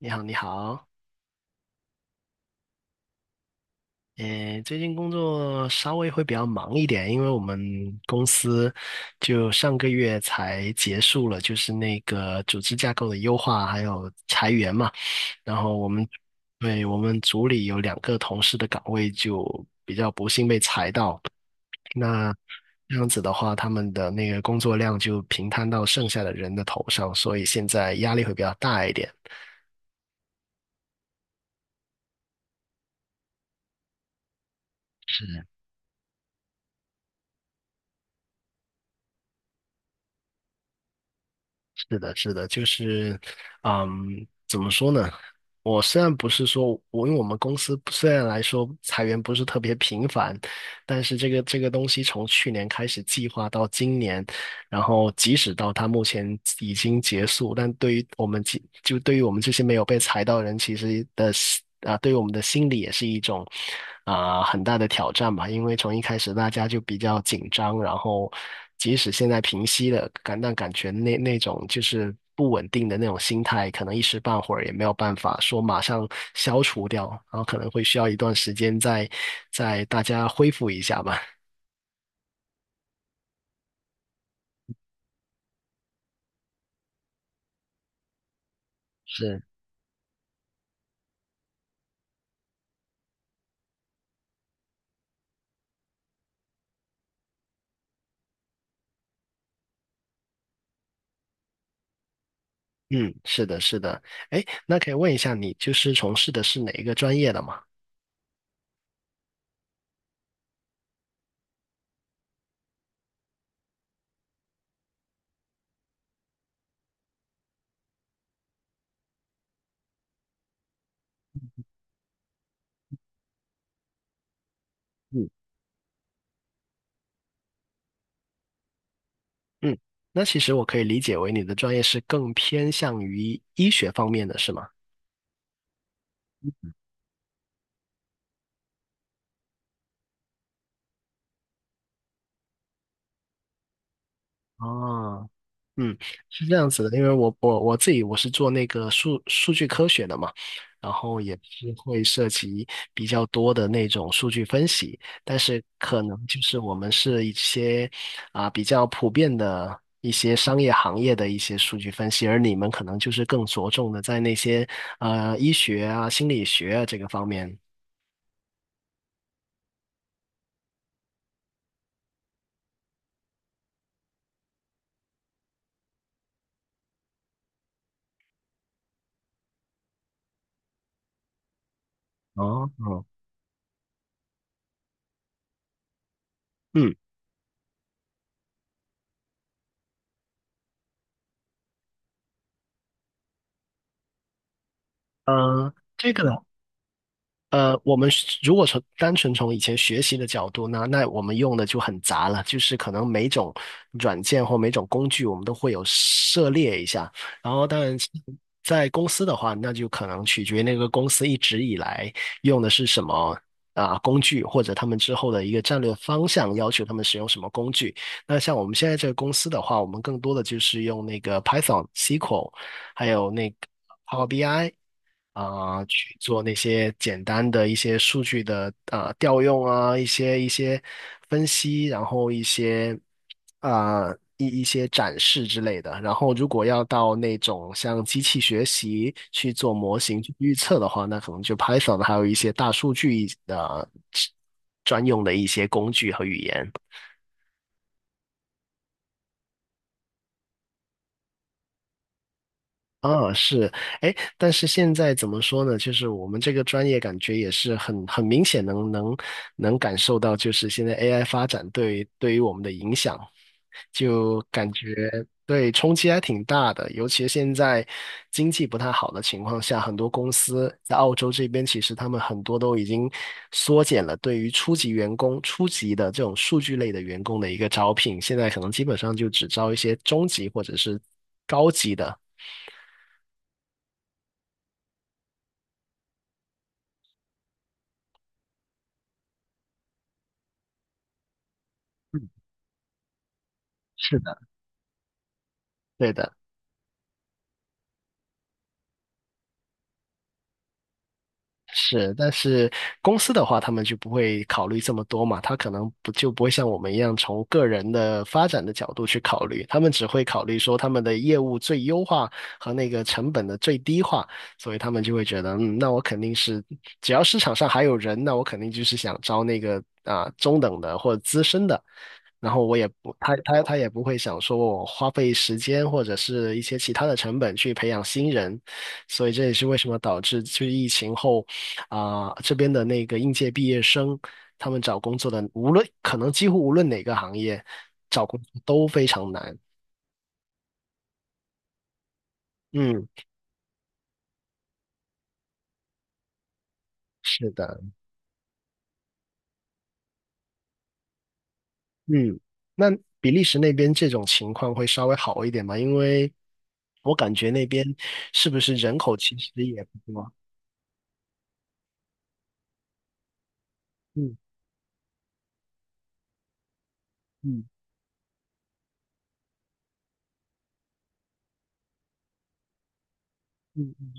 你好，你好，最近工作稍微会比较忙一点，因为我们公司就上个月才结束了，就是那个组织架构的优化，还有裁员嘛。然后我们，对，我们组里有两个同事的岗位就比较不幸被裁到，那这样子的话，他们的那个工作量就平摊到剩下的人的头上，所以现在压力会比较大一点。是的，是的，怎么说呢？我虽然不是说，我因为我们公司虽然来说裁员不是特别频繁，但是这个东西从去年开始计划到今年，然后即使到它目前已经结束，但对于我们其就对于我们这些没有被裁到的人，其实的心啊，对于我们的心理也是一种很大的挑战吧。因为从一开始大家就比较紧张，然后即使现在平息了，感觉那种就是不稳定的那种心态，可能一时半会儿也没有办法说马上消除掉，然后可能会需要一段时间再大家恢复一下吧。是。嗯，是的，是的。哎，那可以问一下，你就是从事的是哪一个专业的吗？嗯嗯，那其实我可以理解为你的专业是更偏向于医学方面的，是吗？哦，嗯，是这样子的，因为我我我自己我是做那个数据科学的嘛，然后也是会涉及比较多的那种数据分析，但是可能就是我们是一些比较普遍的一些商业行业的一些数据分析，而你们可能就是更着重的在那些医学啊、心理学啊这个方面。哦，哦，嗯，呃，这个。我们是如果从单纯从以前学习的角度呢，那我们用的就很杂了，就是可能每种软件或每种工具，我们都会有涉猎一下。然后，当然在公司的话，那就可能取决于那个公司一直以来用的是什么工具，或者他们之后的一个战略方向，要求他们使用什么工具。那像我们现在这个公司的话，我们更多的就是用那个 Python、SQL，还有那个 Power BI。去做那些简单的一些数据的调用啊，一些分析，然后一些啊、一些展示之类的。然后如果要到那种像机器学习去做模型去预测的话，那可能就 Python 还有一些大数据的专用的一些工具和语言。啊，是，哎，但是现在怎么说呢？就是我们这个专业感觉也是很明显能感受到，就是现在 AI 发展对于我们的影响，就感觉对冲击还挺大的。尤其现在经济不太好的情况下，很多公司在澳洲这边，其实他们很多都已经缩减了对于初级员工、初级的这种数据类的员工的一个招聘，现在可能基本上就只招一些中级或者是高级的。对的。是，但是公司的话，他们就不会考虑这么多嘛，他可能不会像我们一样从个人的发展的角度去考虑，他们只会考虑说他们的业务最优化和那个成本的最低化，所以他们就会觉得，嗯，那我肯定是只要市场上还有人，那我肯定就是想招那个中等的或者资深的，然后我也不他他他也不会想说我花费时间或者是一些其他的成本去培养新人，所以这也是为什么导致就是疫情后。这边的那个应届毕业生，他们找工作的，无论可能几乎无论哪个行业，找工作都非常难。嗯，是的，嗯，那比利时那边这种情况会稍微好一点吗？因为我感觉那边是不是人口其实也不多？嗯嗯嗯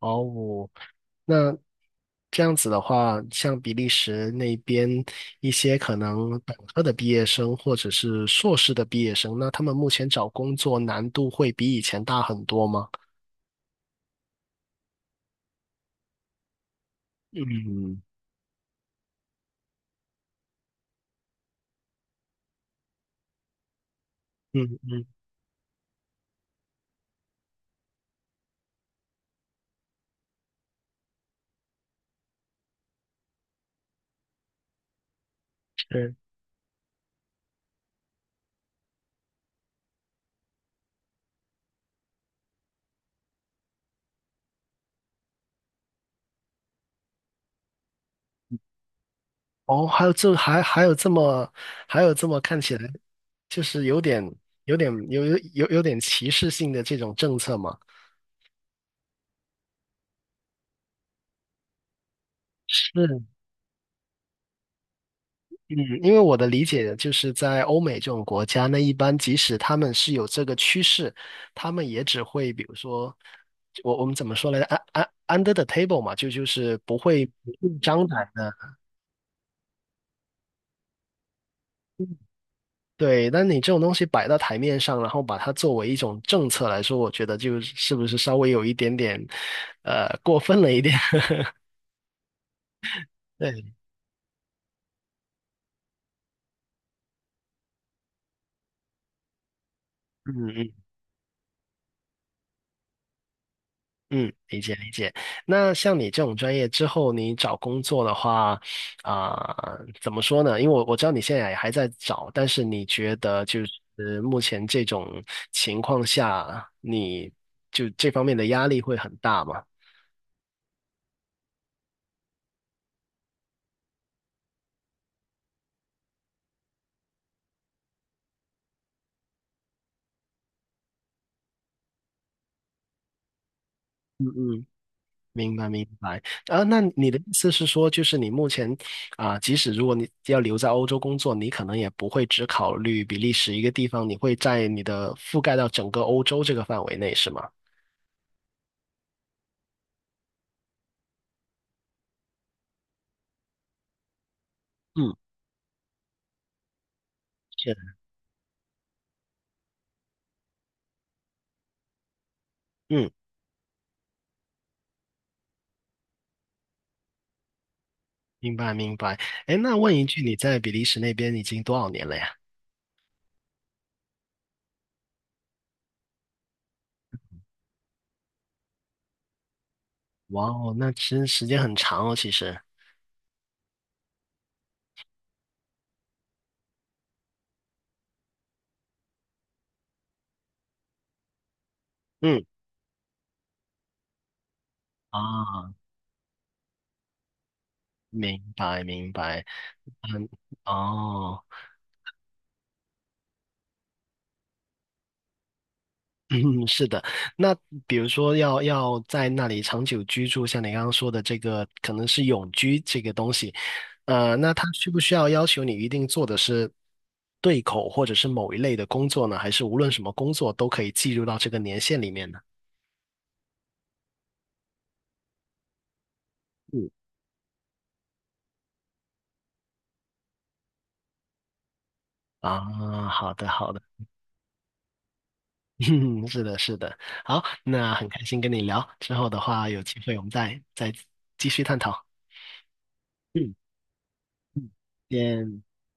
哦，那这样子的话，像比利时那边一些可能本科的毕业生或者是硕士的毕业生，那他们目前找工作难度会比以前大很多吗？嗯，嗯嗯，是。哦，还有这么看起来就是有点歧视性的这种政策吗？是。嗯，因为我的理解就是在欧美这种国家，那一般即使他们是有这个趋势，他们也只会比如说，我们怎么说来着？Under the table 嘛，就是不会明目张胆的。对，但你这种东西摆到台面上，然后把它作为一种政策来说，我觉得是不是稍微有一点点，过分了一点。对，嗯嗯。嗯，理解理解。那像你这种专业之后，你找工作的话，怎么说呢？因为我我知道你现在也还在找，但是你觉得就是目前这种情况下，你就这方面的压力会很大吗？嗯嗯，明白明白。啊，那你的意思是说，就是你目前即使如果你要留在欧洲工作，你可能也不会只考虑比利时一个地方，你会在你的覆盖到整个欧洲这个范围内，是吗？嗯，是。嗯，明白明白。哎，那问一句，你在比利时那边已经多少年了呀？哇哦，那其实时间很长哦，其实。嗯，啊，明白明白。嗯，哦，嗯，是的。那比如说要在那里长久居住，像你刚刚说的这个，可能是永居这个东西，那他需不需要要求你一定做的是对口或者是某一类的工作呢？还是无论什么工作都可以计入到这个年限里面呢？嗯。啊，好的，好的，嗯是的，是的，好，那很开心跟你聊，之后的话有机会我们再继续探讨。嗯，见。